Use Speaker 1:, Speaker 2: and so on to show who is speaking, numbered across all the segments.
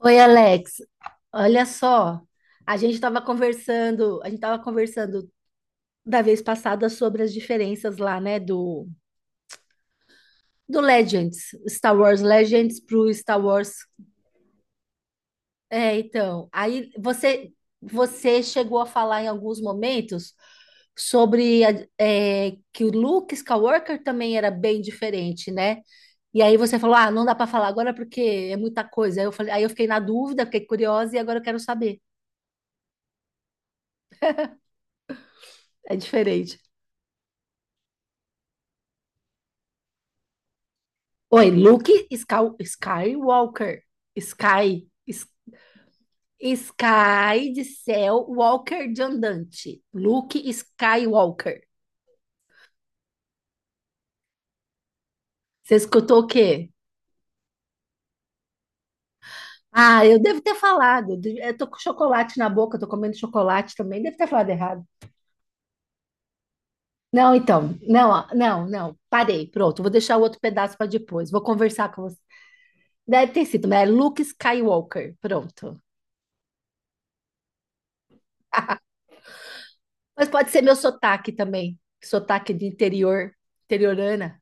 Speaker 1: Oi, Alex. Olha só, a gente estava conversando da vez passada sobre as diferenças lá, né, do Legends, Star Wars Legends pro Star Wars. É, então, aí você chegou a falar em alguns momentos sobre que o Luke Skywalker também era bem diferente, né? E aí você falou, ah, não dá para falar agora porque é muita coisa. Aí eu falei, aí eu fiquei na dúvida, fiquei curiosa e agora eu quero saber. É diferente. Oi, Skywalker. Sky. S- Sky de céu, Walker de andante. Luke Skywalker. Você escutou o quê? Ah, eu devo ter falado. Eu tô com chocolate na boca, tô comendo chocolate também. Devo ter falado errado. Não, então. Não, ó, não, não. Parei. Pronto, vou deixar o outro pedaço para depois. Vou conversar com você. Deve ter sido, mas é Luke Skywalker. Pronto. Mas pode ser meu sotaque também. Sotaque de interior, interiorana.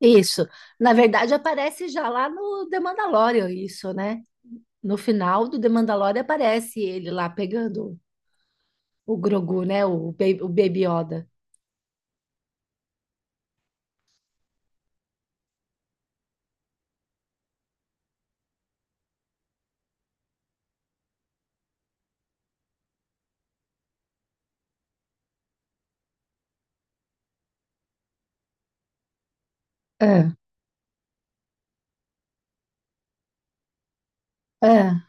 Speaker 1: Isso. Na verdade, aparece já lá no The Mandalorian, isso, né? No final do The Mandalorian aparece ele lá pegando o Grogu, né? O Baby Yoda. É, é.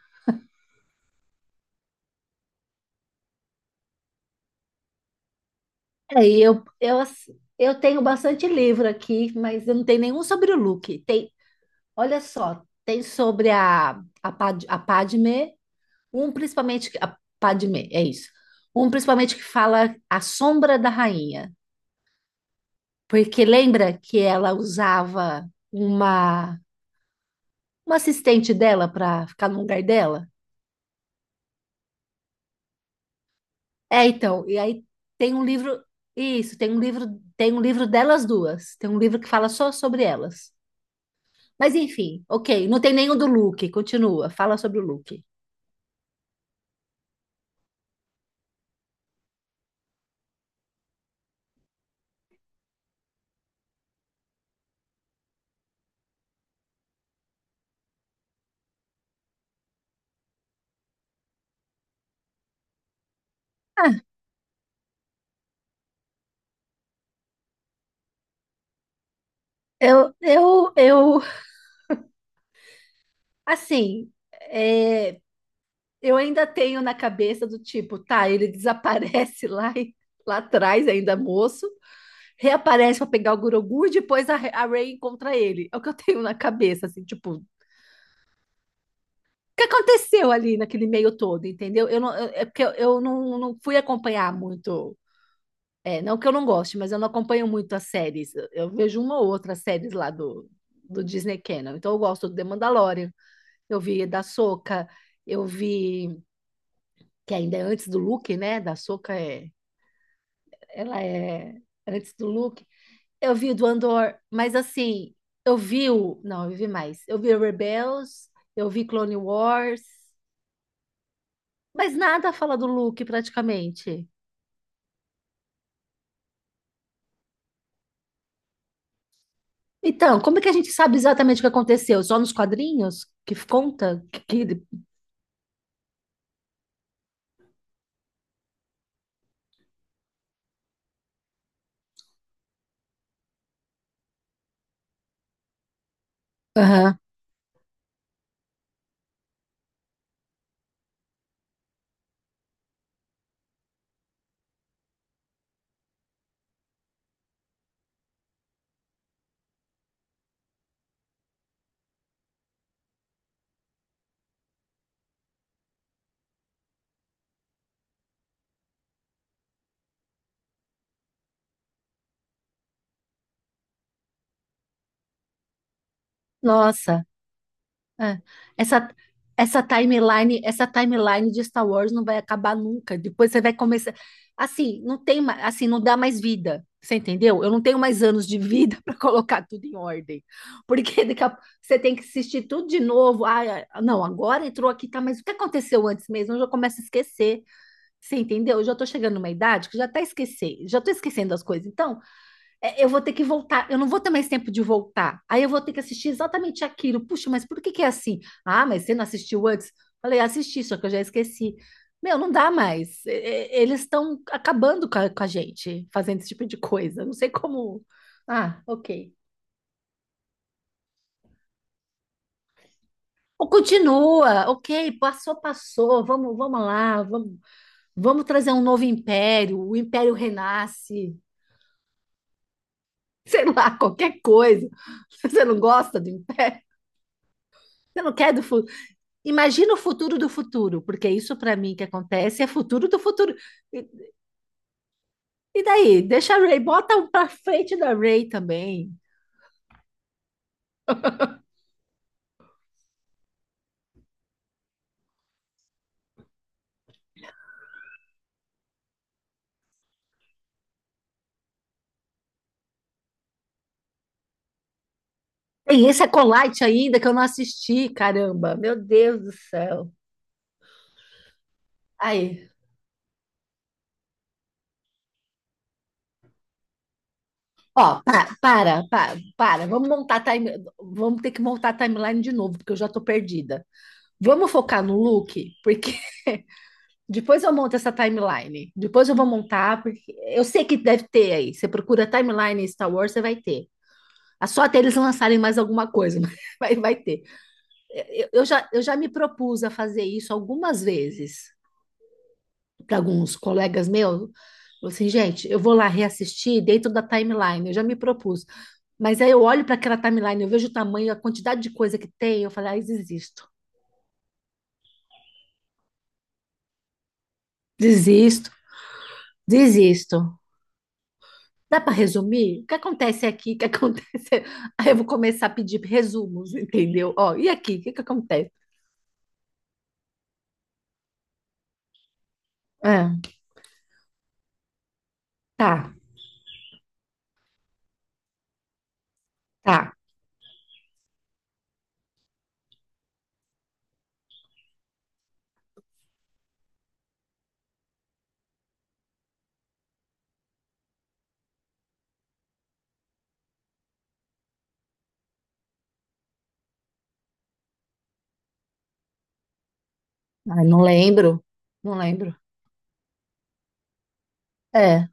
Speaker 1: É, e eu tenho bastante livro aqui, mas eu não tenho nenhum sobre o Luke. Tem, olha só, tem sobre a Padmé, um principalmente, a Padmé, é isso. Um principalmente que fala A Sombra da Rainha. Porque lembra que ela usava uma assistente dela para ficar no lugar dela? É, então, e aí tem um livro, isso, tem um livro delas duas. Tem um livro que fala só sobre elas. Mas enfim, ok, não tem nenhum do Luke, continua, fala sobre o Luke. Ah, eu, assim, é, eu ainda tenho na cabeça do tipo, tá, ele desaparece lá atrás ainda moço, reaparece pra pegar o Grogu e depois a Rey encontra ele. É o que eu tenho na cabeça, assim, tipo, o que aconteceu ali naquele meio todo, entendeu? Eu não, eu- é porque eu não fui acompanhar muito. É, não que eu não goste, mas eu não acompanho muito as séries. Eu vejo uma ou outra séries lá do Disney Channel. Então eu gosto do The Mandalorian, eu vi da Soca, eu vi que ainda é antes do Luke, né? Da Soca é, ela é antes do Luke. Eu vi o do Andor, mas assim, eu vi o. Não, eu vi mais. Eu vi o Rebels, eu vi Clone Wars, mas nada fala do Luke praticamente. Então, como é que a gente sabe exatamente o que aconteceu? Só nos quadrinhos que conta que ele. Aham. Nossa. É. Essa, essa timeline de Star Wars não vai acabar nunca. Depois você vai começar. Assim, não tem mais, assim, não dá mais vida. Você entendeu? Eu não tenho mais anos de vida para colocar tudo em ordem. Porque daqui a... você tem que assistir tudo de novo. Ah, não, agora entrou aqui, tá, mas o que aconteceu antes mesmo? Eu já começo a esquecer. Você entendeu? Eu já tô chegando numa idade que já tá esquecendo, já tô esquecendo as coisas. Então, é, eu vou ter que voltar, eu não vou ter mais tempo de voltar. Aí eu vou ter que assistir exatamente aquilo. Puxa, mas por que que é assim? Ah, mas você não assistiu antes? Falei, assisti, só que eu já esqueci. Meu, não dá mais. Eles estão acabando com com a gente, fazendo esse tipo de coisa. Não sei como. Ah, ok. Ou continua, ok, passou, passou. Vamos trazer um novo império. O império renasce, sei lá, qualquer coisa. Você não gosta do império? Você não quer do, fu- Imagina o futuro do futuro, porque isso para mim que acontece é futuro do futuro. E, e daí? Deixa a Ray, bota um pra frente da Ray também. Tem esse Acolyte ainda que eu não assisti, caramba. Meu Deus do céu. Aí, ó, para. Vamos montar a time, vamos ter que montar a timeline de novo, porque eu já tô perdida. Vamos focar no Luke, porque depois eu monto essa timeline. Depois eu vou montar, porque eu sei que deve ter aí. Você procura timeline em Star Wars, você vai ter. Ah, só até eles lançarem mais alguma coisa, mas vai ter. Eu já me propus a fazer isso algumas vezes para alguns colegas meus. Falei assim, gente, eu vou lá reassistir dentro da timeline, eu já me propus. Mas aí eu olho para aquela timeline, eu vejo o tamanho, a quantidade de coisa que tem, eu falo, ai, desisto, desisto, desisto. Dá para resumir? O que acontece aqui? O que acontece? Aí eu vou começar a pedir resumos, entendeu? Ó, e aqui? O que que acontece? Ah, tá, tá. Ai, não lembro. É,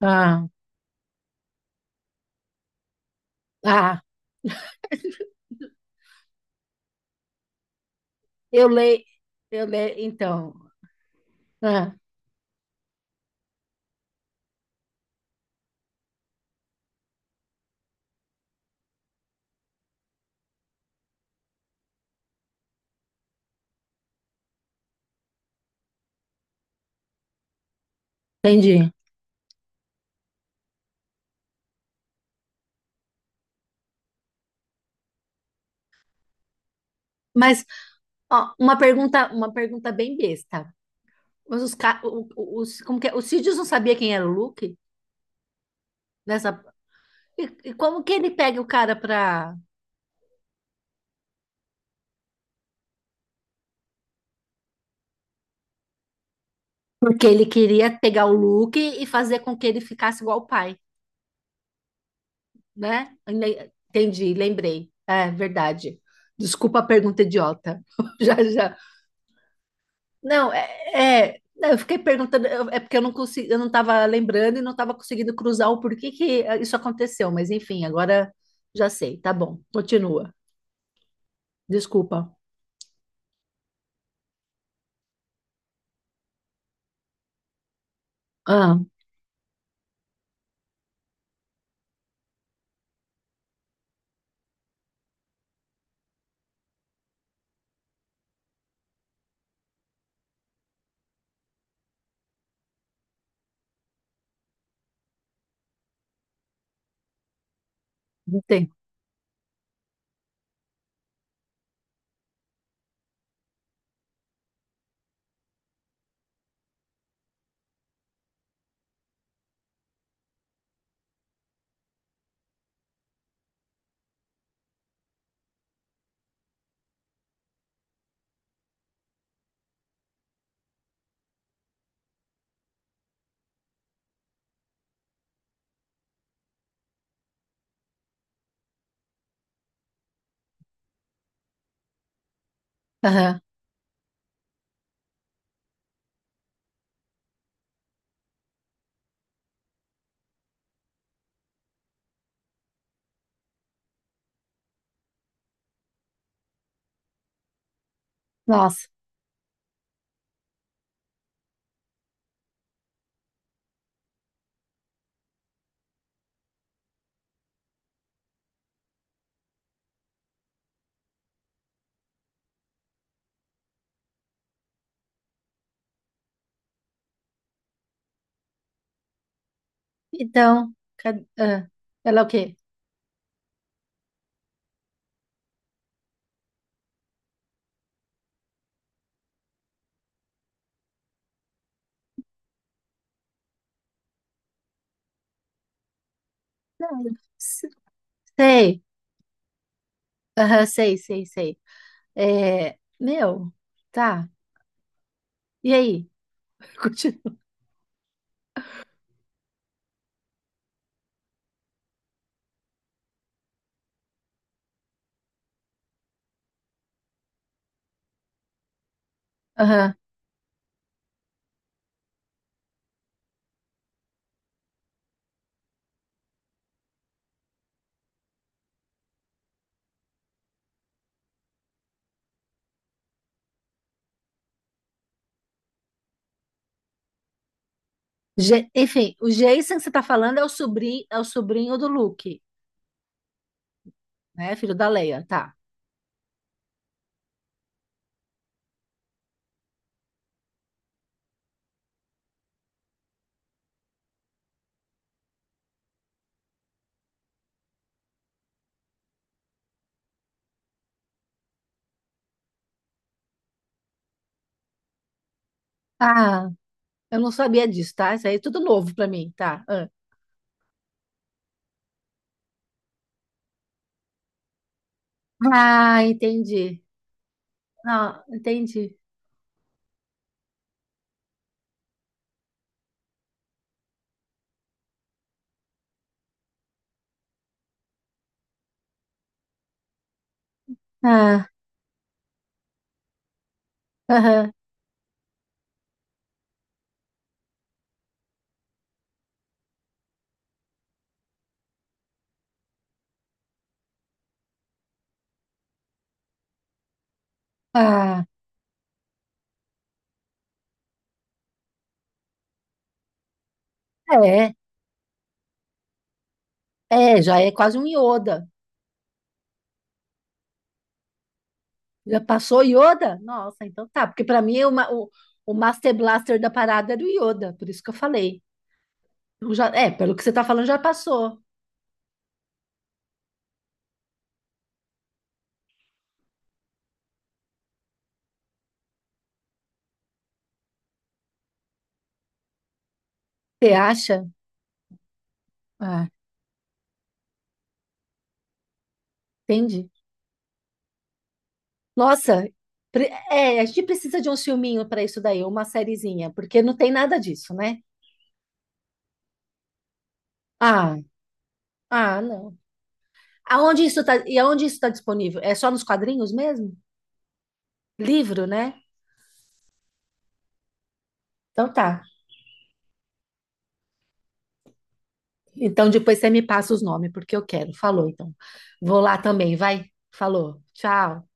Speaker 1: ah, ah, eu leio, eu leio, então, ah, entendi. Mas, ó, uma pergunta bem besta. Mas os, ca- o- os, como que é? O Sidious não sabia quem era o Luke nessa, e, e como que ele pega o cara pra, porque ele queria pegar o Luke e fazer com que ele ficasse igual o pai, né? Entendi, lembrei. É, verdade. Desculpa a pergunta idiota. Já, já. Não, não, eu fiquei perguntando, é porque eu não consegui, eu não estava lembrando e não estava conseguindo cruzar o porquê que isso aconteceu, mas enfim, agora já sei, tá bom, continua. Desculpa. Ah, não tem. Aham. Nossa. Então, ela é o quê? Não, s- Sei. Aham, sei. É, meu, tá. E aí? Continua. Aham. Enfim, o Jason que você tá falando é o sobrinho do Luke, né? Filho da Leia, tá. Ah, eu não sabia disso, tá? Isso aí é tudo novo pra mim, tá? Ah, ah, entendi. Não, entendi. Ah, aham, ah, é, é, já é quase um Yoda. Já passou Yoda? Nossa, então tá, porque pra mim o Master Blaster da parada era o Yoda, por isso que eu falei. Então já, é, pelo que você tá falando, já passou. Você acha? Ah, entendi. Nossa, é, a gente precisa de um filminho pra isso daí, uma sériezinha, porque não tem nada disso, né? Ah, ah, não. Aonde isso tá, e aonde isso está disponível? É só nos quadrinhos mesmo? Livro, né? Então tá. Então depois você me passa os nomes, porque eu quero. Falou, então. Vou lá também, vai. Falou. Tchau.